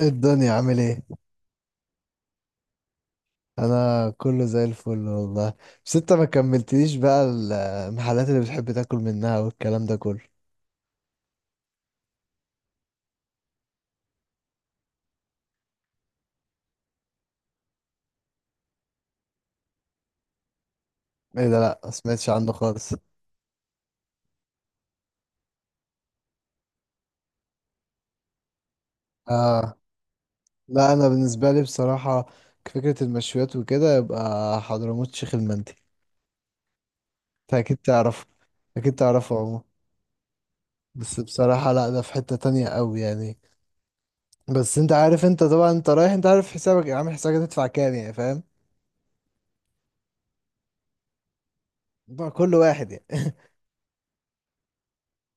إيه الدنيا عامل ايه؟ انا كله زي الفل والله. بس انت ما كملتليش بقى المحلات اللي بتحب تاكل منها والكلام ده كله. ايه ده؟ لا ما سمعتش عنه خالص. اه لا، انا بالنسبه لي بصراحه فكره المشويات وكده يبقى حضرموت شيخ المندي. انت اكيد تعرفه، اكيد تعرفه عمو. بس بصراحه لا، ده في حته تانية قوي يعني. بس انت عارف، انت طبعا انت رايح، انت عارف حسابك، عامل حسابك هتدفع كام يعني فاهم. بقى كل واحد يعني.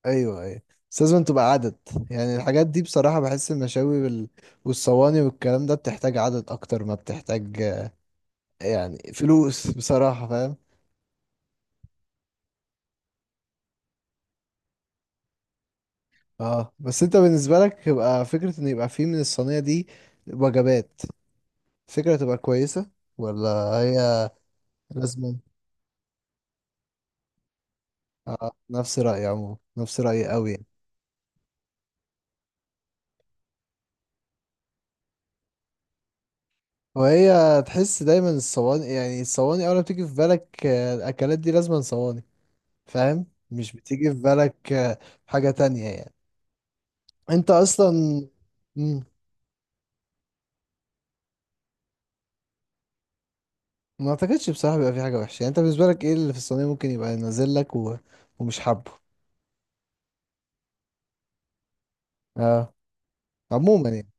ايوه، ايوه. بس لازم تبقى عدد. يعني الحاجات دي بصراحة، بحس المشاوي والصواني والكلام ده بتحتاج عدد اكتر ما بتحتاج، يعني فلوس بصراحة فاهم. اه بس انت بالنسبة لك يبقى فكرة ان يبقى فيه من الصينية دي وجبات، فكرة تبقى كويسة ولا؟ هي لازم. اه نفس رأيي، عموما نفس رأيي قوي يعني. وهي تحس دايما الصواني، يعني الصواني اول ما بتيجي في بالك الاكلات دي لازم صواني. فاهم، مش بتيجي في بالك حاجة تانية يعني. انت اصلا مم. ما اعتقدش بصراحه بيبقى في حاجه وحشه، يعني انت بالنسبه لك ايه اللي في الصينيه ممكن يبقى نازل لك ومش حابه. اه عموما يعني.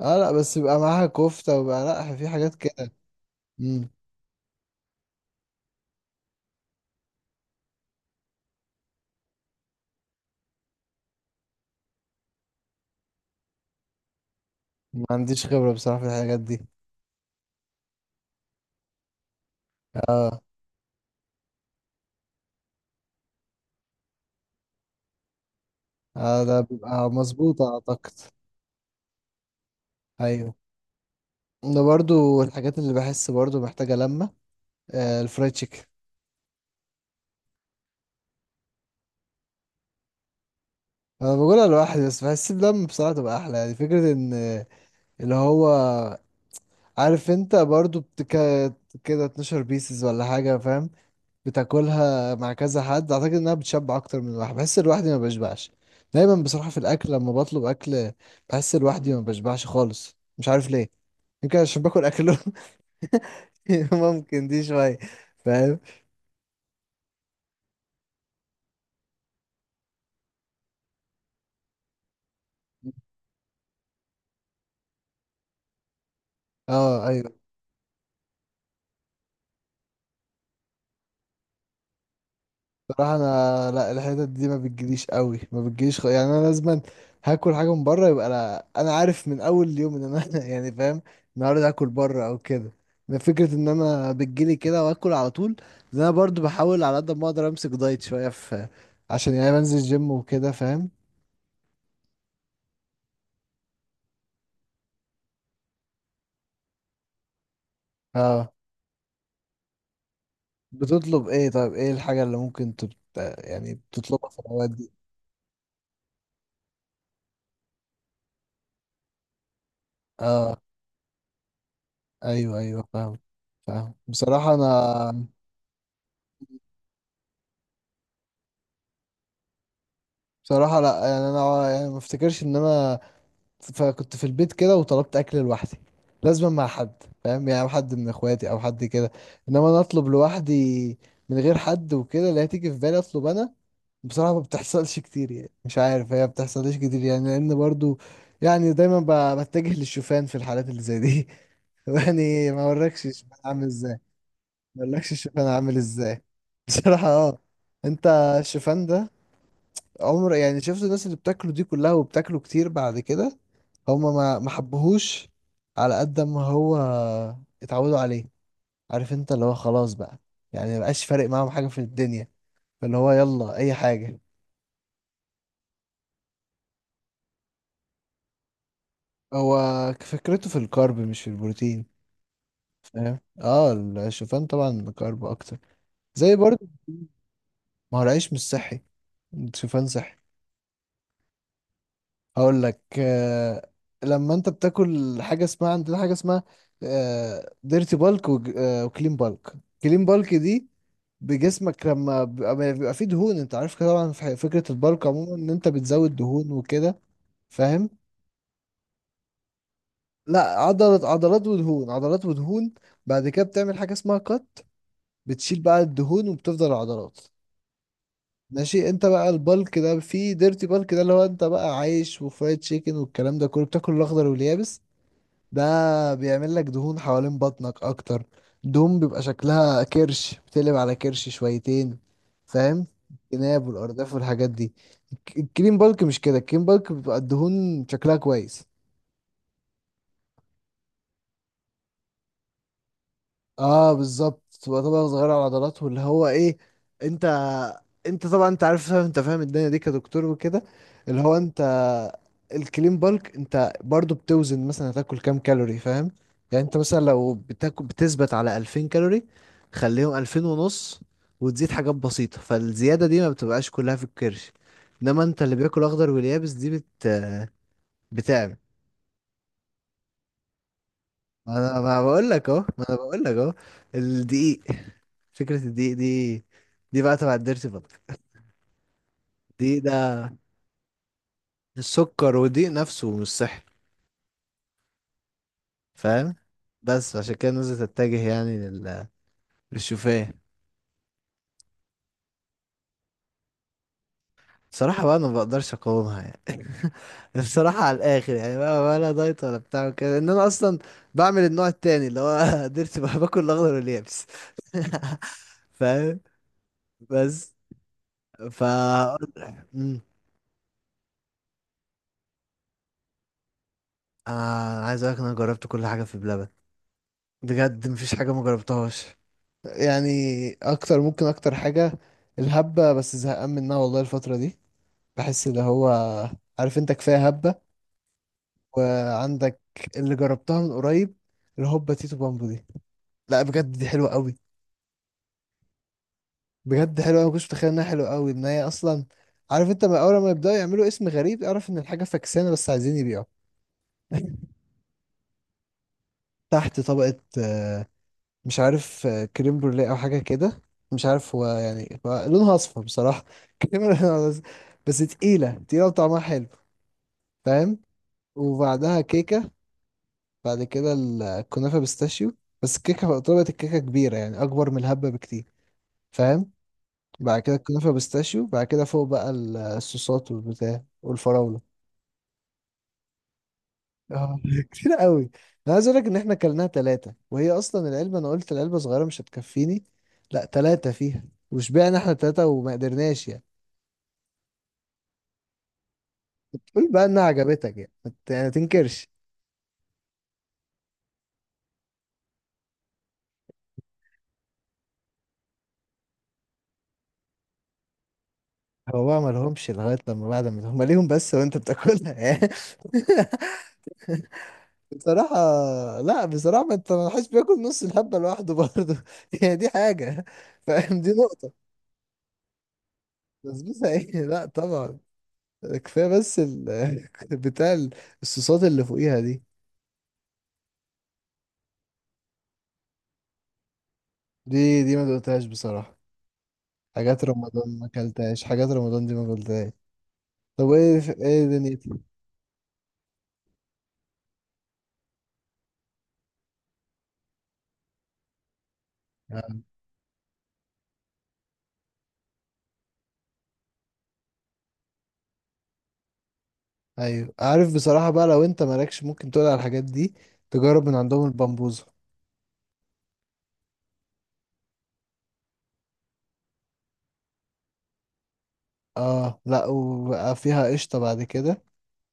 اه لا بس يبقى معاها كفته، ويبقى لا في حاجات كده. مم. ما عنديش خبره بصراحه في الحاجات دي. اه. اه ده بيبقى مظبوط اعتقد. ايوه، ده برضو الحاجات اللي بحس برضو محتاجه لمه، آه الفرايد تشيكن. انا بقولها لوحدي، بس بحس بلمه بصراحه تبقى احلى، يعني فكره ان اللي هو عارف انت برضو كده 12 بيسز ولا حاجة فاهم، بتاكلها مع كذا حد، اعتقد انها بتشبع اكتر من الواحد. بحس لوحدي ما بشبعش. دايما بصراحة في الاكل لما بطلب اكل، بحس لوحدي ما بشبعش خالص، مش عارف ليه. يمكن عشان باكل اكله. ممكن دي شوية فاهم. اه أيوه. بصراحة انا لا، الحتت دي ما بتجيليش قوي، ما بتجيليش يعني انا لازما هاكل حاجة من بره، يبقى لا، انا عارف من اول يوم ان انا يعني فاهم، النهارده هاكل بره او كده. ما فكرة ان انا بتجيلي كده واكل على طول، لأن انا برضو بحاول على قد ما اقدر امسك دايت شوية، في عشان يعني بنزل جيم وكده فاهم. اه. بتطلب ايه طيب، ايه الحاجة اللي ممكن يعني بتطلبها في الاوقات دي. اه، ايوه، ايوه، فاهم. فاهم بصراحة انا، بصراحة لا، يعني انا، يعني ما افتكرش ان انا فكنت في البيت كده وطلبت اكل لوحدي، لازم مع حد. فاهم، يعني حد من اخواتي او حد كده، انما انا اطلب لوحدي من غير حد وكده، لا، تيجي في بالي اطلب انا. بصراحة ما بتحصلش كتير يعني، مش عارف، هي ما بتحصلش كتير يعني، لان برضو يعني دايما بتجه للشوفان في الحالات اللي زي دي. يعني ما اوريكش الشوفان عامل ازاي. ما اوريكش الشوفان عامل ازاي. بصراحة اه. انت الشوفان ده عمر، يعني شفت الناس اللي بتاكله دي كلها، وبتاكله كتير بعد كده، هما ما حبهوش على قد ما هو اتعودوا عليه. عارف انت، اللي هو خلاص بقى يعني مبقاش فارق معاهم حاجة في الدنيا، فاللي هو يلا اي حاجة. هو فكرته في الكارب مش في البروتين فاهم. اه، الشوفان طبعا كارب اكتر زي برضه. ما هو العيش مش صحي، الشوفان صحي. هقول لك آه. لما انت بتاكل حاجه اسمها عندنا، حاجه اسمها ديرتي بالك وكلين بالك. كلين بالك دي بجسمك لما بيبقى فيه دهون. انت عارف كده طبعا، في فكره البالك عموما ان انت بتزود دهون وكده فاهم. لا، عضلات، عضلات ودهون، عضلات ودهون. بعد كده بتعمل حاجه اسمها كات، بتشيل بقى الدهون وبتفضل العضلات. ماشي، انت بقى البالك ده فيه ديرتي بالك، ده اللي هو انت بقى عايش وفرايد تشيكن والكلام ده كله، بتاكل الاخضر واليابس، ده بيعمل لك دهون حوالين بطنك اكتر. دهون بيبقى شكلها كرش، بتقلب على كرش شويتين فاهم. الجناب والارداف والحاجات دي. الكريم بالك مش كده. الكريم بالك بيبقى الدهون شكلها كويس. اه بالظبط، تبقى طبقة صغيرة على العضلات، واللي هو ايه، انت انت طبعا، انت عارف، انت فاهم الدنيا دي كدكتور وكده، اللي هو انت. الكلين بالك انت برضو بتوزن مثلا هتاكل كام كالوري فاهم. يعني انت مثلا لو بتاكل بتثبت على 2000 كالوري، خليهم 2000 ونص، وتزيد حاجات بسيطة، فالزيادة دي ما بتبقاش كلها في الكرش، انما انت اللي بياكل اخضر واليابس دي بتعمل. ما انا ما بقول لك اهو، ما انا بقول لك اهو. الدقيق، فكرة الدقيق دي، دي بقى تبع الديرتي بطل. الدقيق ده، السكر والدقيق نفسه مش صحي فاهم. بس عشان كده الناس تتجه يعني للشوفان. صراحة بقى انا ما بقدرش اقاومها يعني. بصراحة على الاخر يعني بقى، ولا دايت ولا بتاع كده، ان انا اصلا بعمل النوع التاني اللي هو ديرتي، بقى باكل الاخضر واليابس. فاهم بس فا انا عايز اقولك إن انا جربت كل حاجه في بلبن. بجد مفيش حاجه ما جربتهاش. يعني اكتر، ممكن اكتر حاجة الهبة، بس زهقان منها والله الفترة دي، بحس اللي هو، عارف انت، كفاية هبة. وعندك اللي جربتها من قريب، الهوبا تيتو بامبو دي. لا بجد دي حلوة قوي. بجد حلوة أوي، ما كنتش متخيل انها حلوة قوي، ان هي اصلا، عارف انت، ما اول ما يبدأوا يعملوا اسم غريب اعرف ان الحاجة فكسانة بس عايزين يبيعوا. تحت طبقة مش عارف، كريم بروليه او حاجه كده، مش عارف هو، يعني هو لونها اصفر بصراحه. كريم، لونها أصفر. بس تقيله تقيله وطعمها حلو فاهم. وبعدها كيكه، بعد كده الكنافه بيستاشيو. بس الكيكه طلبت الكيكه كبيره يعني اكبر من الهبه بكتير فاهم. بعد كده الكنافه بيستاشيو، بعد كده فوق بقى الصوصات والبتاع والفراوله. اه كتير قوي. انا عايز اقول لك ان احنا كلناها ثلاثه، وهي اصلا العلبه انا قلت العلبه صغيره مش هتكفيني، لا ثلاثه فيها، وشبعنا احنا ثلاثه وما قدرناش يعني. قول بقى انها عجبتك يعني، ما يعني تنكرش. هو بقى ما لهمش لغايه لما بعد ما هم ليهم بس، وانت بتاكلها يعني. بصراحه، لا بصراحه، ما انت، ما حدش بياكل نص الحبه لوحده برضه يعني، دي حاجه فاهم، دي نقطه. بسبوسه ايه؟ لا طبعا. كفايه بس بتاع الصوصات اللي فوقيها دي. دي ما دقتهاش بصراحة. حاجات رمضان ما اكلتهاش، حاجات رمضان دي ما اكلتهاش. طب ايه، ايه دنيتي؟ ايوه عارف بصراحة بقى، لو انت مالكش ممكن تقول على الحاجات دي، تجرب من عندهم البامبوزة. اه لا، وبقى فيها قشطة بعد كده.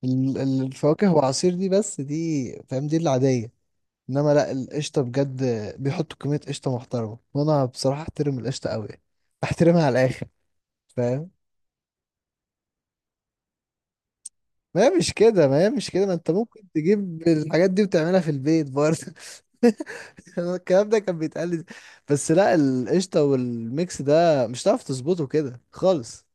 الفواكه وعصير دي بس، دي فاهم، دي العادية. انما لا، القشطة بجد، بيحطوا كمية قشطة محترمة. وانا بصراحة احترم القشطة قوي، احترمها على الاخر فاهم. ما هي مش كده، ما هي مش كده، ما انت ممكن تجيب الحاجات دي وتعملها في البيت برضه. الكلام ده كان بيتقال لي. بس لا، القشطة والميكس ده مش هتعرف تظبطه كده خالص.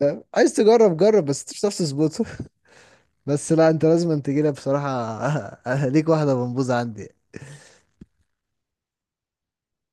فاهم؟ عايز تجرب جرب، بس مش هتعرف تظبطه. بس لا، انت لازم تجيلها بصراحة. ليك واحدة منبوذة عندي.